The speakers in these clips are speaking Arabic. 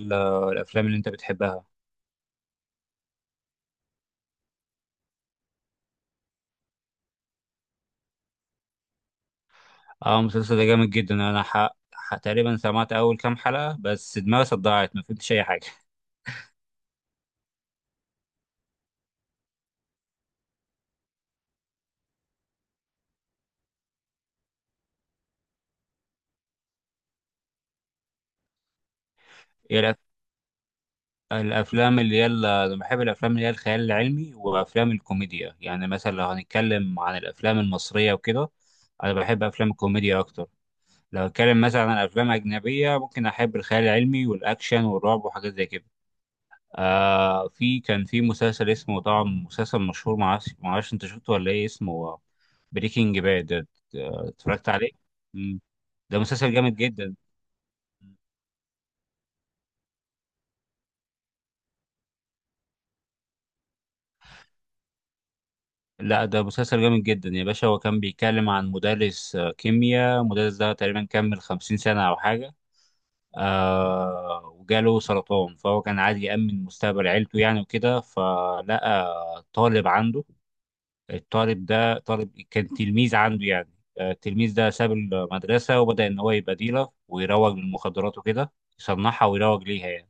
ال- الافلام اللي انت بتحبها. اه، المسلسل ده جامد جدا. انا تقريبا سمعت اول كام حلقه بس دماغي صدعت ما فهمتش اي حاجه. هي الأف... الافلام اللي هي انا بحب الافلام اللي هي الخيال العلمي وافلام الكوميديا، يعني مثلا لو هنتكلم عن الافلام المصريه وكده انا بحب افلام الكوميديا اكتر. لو هتكلم مثلا عن افلام اجنبيه ممكن احب الخيال العلمي والاكشن والرعب وحاجات زي كده. آه في كان في مسلسل اسمه، طبعا مسلسل مشهور، معرفش انت شفته ولا ايه، اسمه بريكنج باد، اتفرجت عليه؟ مم. ده مسلسل جامد جدا. لا ده مسلسل جامد جدا يا باشا. هو كان بيتكلم عن مدرس كيمياء، المدرس ده تقريبا كمل 50 سنة أو حاجة. آه، وجاله سرطان فهو كان عايز يأمن مستقبل عيلته يعني وكده، فلقى طالب عنده، الطالب ده طالب كان تلميذ عنده يعني. التلميذ ده ساب المدرسة وبدأ إن هو يبقى ديلر ويروج للمخدرات وكده، يصنعها ويروج ليها يعني.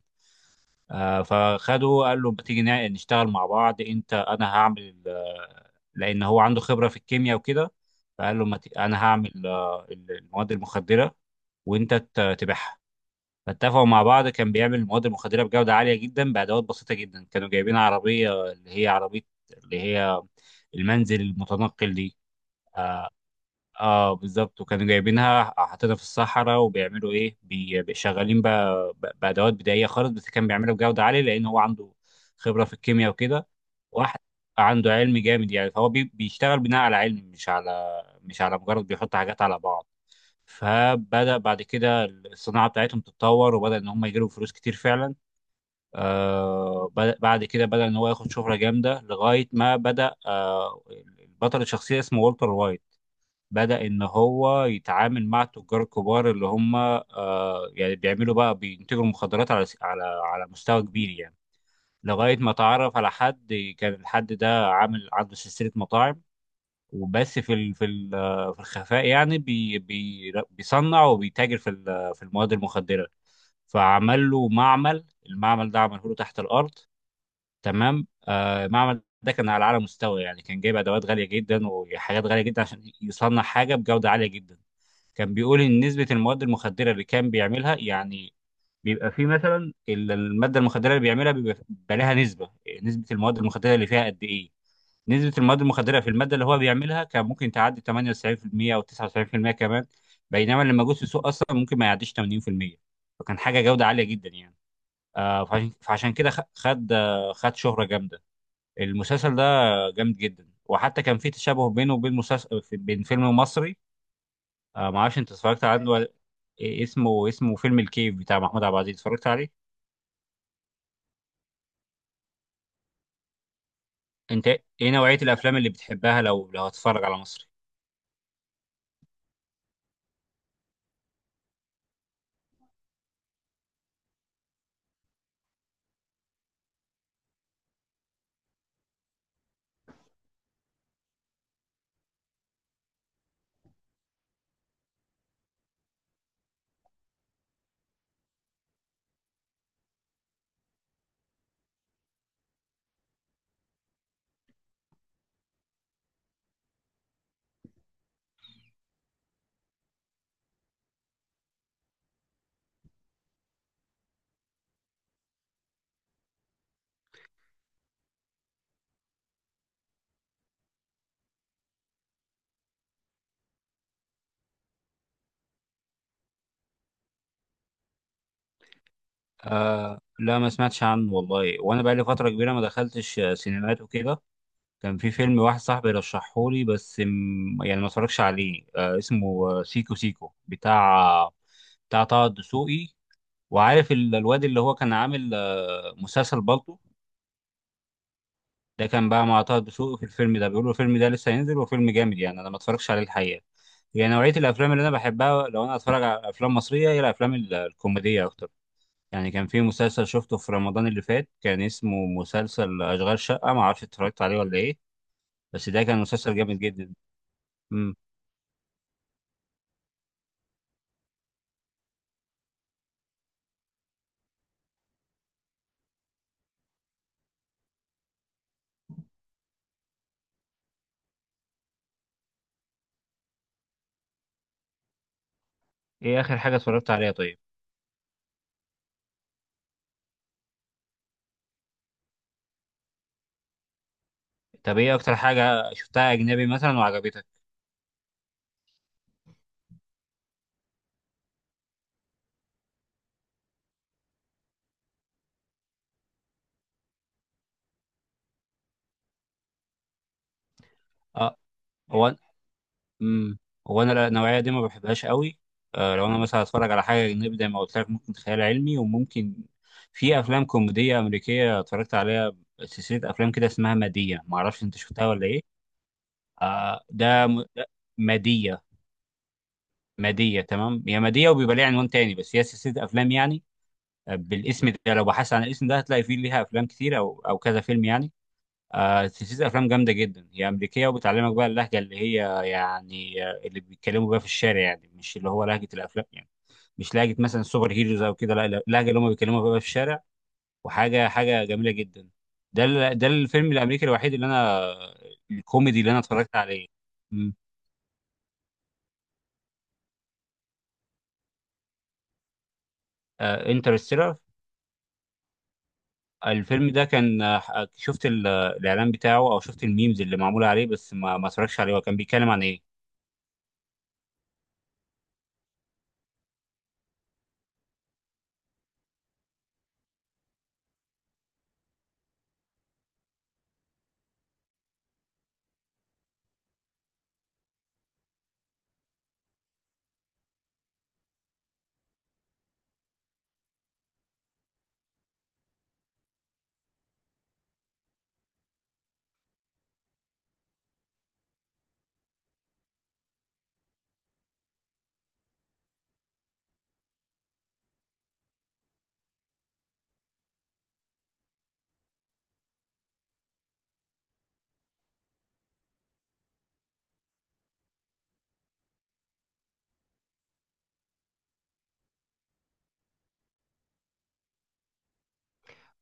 فخده قال له ما تيجي نشتغل مع بعض، أنت أنا هعمل لأن هو عنده خبرة في الكيمياء وكده، فقال له ما ت- أنا هعمل المواد المخدرة وأنت تبيعها. فاتفقوا مع بعض، كان بيعمل المواد المخدرة بجودة عالية جدا بأدوات بسيطة جدا. كانوا جايبين عربية، اللي هي عربية اللي هي المنزل المتنقل دي. اه بالظبط، وكانوا جايبينها حاطينها في الصحراء وبيعملوا ايه، شغالين بقى بادوات بدائيه خالص، بس كان بيعملها بجوده عاليه لان هو عنده خبره في الكيمياء وكده. واحد عنده علم جامد يعني، فهو بيشتغل بناء على علم، مش على مش على مجرد بيحط حاجات على بعض. فبدا بعد كده الصناعه بتاعتهم تتطور وبدا ان هم يجيبوا فلوس كتير فعلا. آه، بدأ بعد كده، بدا ان هو ياخد شهره جامده لغايه ما بدا. آه، البطل، الشخصيه اسمه والتر وايت، بدأ إن هو يتعامل مع التجار الكبار، اللي هم آه، يعني بيعملوا بقى، بينتجوا المخدرات على على على مستوى كبير يعني. لغاية ما تعرف على حد، كان الحد ده عامل عنده سلسلة مطاعم وبس، في ال في ال آه، في الخفاء يعني بي بي بيصنع وبيتاجر في في المواد المخدرة. فعمل له معمل، المعمل ده عمله له تحت الأرض تمام. آه، المعمل ده كان على أعلى مستوى يعني، كان جايب أدوات غالية جدا وحاجات غالية جدا عشان يصنع حاجة بجودة عالية جدا. كان بيقول ان نسبه المواد المخدره اللي كان بيعملها يعني، بيبقى في مثلا الماده المخدره اللي بيعملها بيبقى لها نسبه، نسبه المواد المخدره اللي فيها قد ايه. نسبة المواد المخدرة في المادة اللي هو بيعملها كان ممكن تعدي 98% أو 99% كمان، بينما اللي موجود في السوق أصلا ممكن ما يعديش 80%. فكان حاجة جودة عالية جدا يعني. آه، فعشان كده خد آه، خد شهرة جامدة. المسلسل ده جامد جدا، وحتى كان في تشابه بينه وبين مسلسل، بين فيلم مصري. آه، ما اعرفش انت اتفرجت عنه. إيه اسمه؟ اسمه فيلم الكيف بتاع محمود عبد العزيز، اتفرجت عليه؟ انت ايه نوعية الافلام اللي بتحبها، لو لو هتتفرج على مصري؟ آه لا، ما سمعتش عنه والله، وانا بقالي فترة كبيرة ما دخلتش آه، سينمات وكده. كان في فيلم واحد صاحبي رشحه لي بس يعني ما اتفرجش عليه، آه اسمه آه، سيكو سيكو بتاع بتاع طه الدسوقي. وعارف الواد اللي هو كان عامل آه، مسلسل بالطو، ده كان بقى مع طه دسوقي في الفيلم ده، بيقولوا الفيلم ده لسه هينزل وفيلم جامد يعني، انا ما اتفرجش عليه الحقيقه. يعني نوعيه الافلام اللي انا بحبها لو انا اتفرج على افلام مصريه هي الافلام الكوميديه اكتر. يعني كان في مسلسل شفته في رمضان اللي فات، كان اسمه مسلسل اشغال شقه، ما اعرفش اتفرجت عليه ولا ايه، بس ده كان مسلسل جامد جدا. امم. ايه اخر حاجه اتفرجت عليها طيب؟ طب ايه اكتر حاجه شفتها اجنبي مثلا وعجبتك؟ اه. هو. امم. هو انا النوعيه دي ما بحبهاش قوي. آه، لو انا مثلا هتفرج على حاجه اجنبي زي ما قلت لك ممكن خيال علمي وممكن، في افلام كوميديه امريكيه اتفرجت عليها، سلسله افلام كده اسمها ماديه، ما اعرفش انت شفتها ولا ايه. آه ده ده ماديه. ماديه تمام، هي ماديه وبيبقى ليها عنوان تاني بس هي سلسله افلام يعني. آه، بالاسم ده لو بحثت عن الاسم ده هتلاقي فيه ليها افلام كتير او او كذا فيلم يعني. آه، سلسلة أفلام جامدة جدا، هي أمريكية وبتعلمك بقى اللهجة اللي هي يعني آه، اللي بيتكلموا بيها في الشارع يعني، مش اللي هو لهجة الأفلام يعني، مش لهجة مثلا سوبر هيروز أو كده، لا لا، اللهجة اللي هم بيتكلموا بيها في الشارع. وحاجة حاجة جميلة جدا. ده ده الفيلم الأمريكي الوحيد اللي أنا، الكوميدي اللي أنا اتفرجت عليه. انترستيلر. الفيلم ده كان آه، شفت الإعلان بتاعه أو شفت الميمز اللي معمولة عليه بس ما اتفرجتش عليه، هو كان بيتكلم عن إيه؟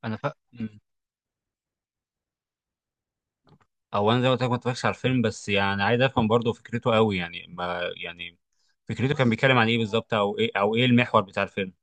أنا فا... او انا زي ما قلت لك ما اتفرجتش على الفيلم، بس يعني عايز افهم برضه فكرته قوي يعني ما يعني، فكرته كان بيتكلم عن ايه بالظبط، او ايه او ايه المحور بتاع الفيلم؟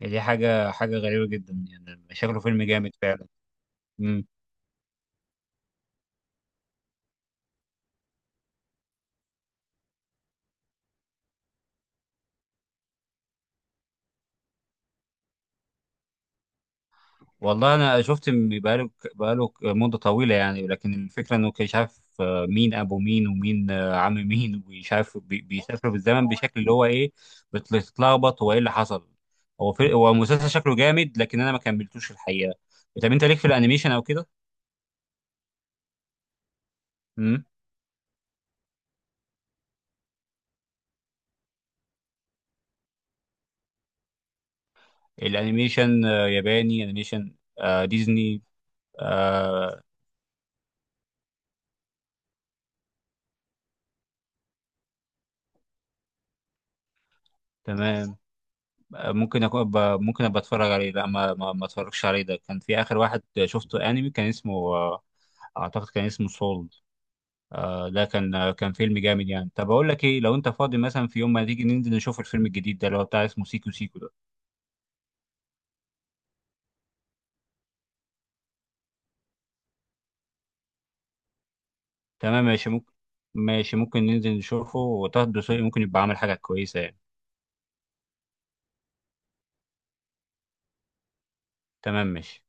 يعني دي حاجه حاجه غريبه جدا، يعني شكله فيلم جامد فعلا. امم. والله انا شفت مده طويله يعني، لكن الفكره انه كان مش عارف آه، مين ابو مين، ومين آه، عم مين، ومش عارف بيسافروا بالزمن بشكل اللي هو ايه، بتتلخبط هو ايه اللي حصل. هو في، هو مسلسل شكله جامد لكن انا ما كملتوش الحقيقه. طب انت ليك في الانيميشن او كده؟ الانيميشن آه، ياباني، انيميشن آه، ديزني. آه، تمام. آه، ممكن ابقى اتفرج عليه، لا ما اتفرجش عليه. ده كان في اخر واحد شفته انمي كان اسمه آه، اعتقد كان اسمه سولد. آه ده كان آه، كان فيلم جامد يعني. طب اقول لك ايه، لو انت فاضي مثلا في يوم ما تيجي ننزل نشوف الفيلم الجديد ده اللي هو بتاع اسمه سيكو سيكو ده. تمام ماشي ممكن، ماشي ممكن ننزل نشوفه، وطه الدسوقي ممكن يبقى عامل حاجة كويسة يعني. تمام ماشي.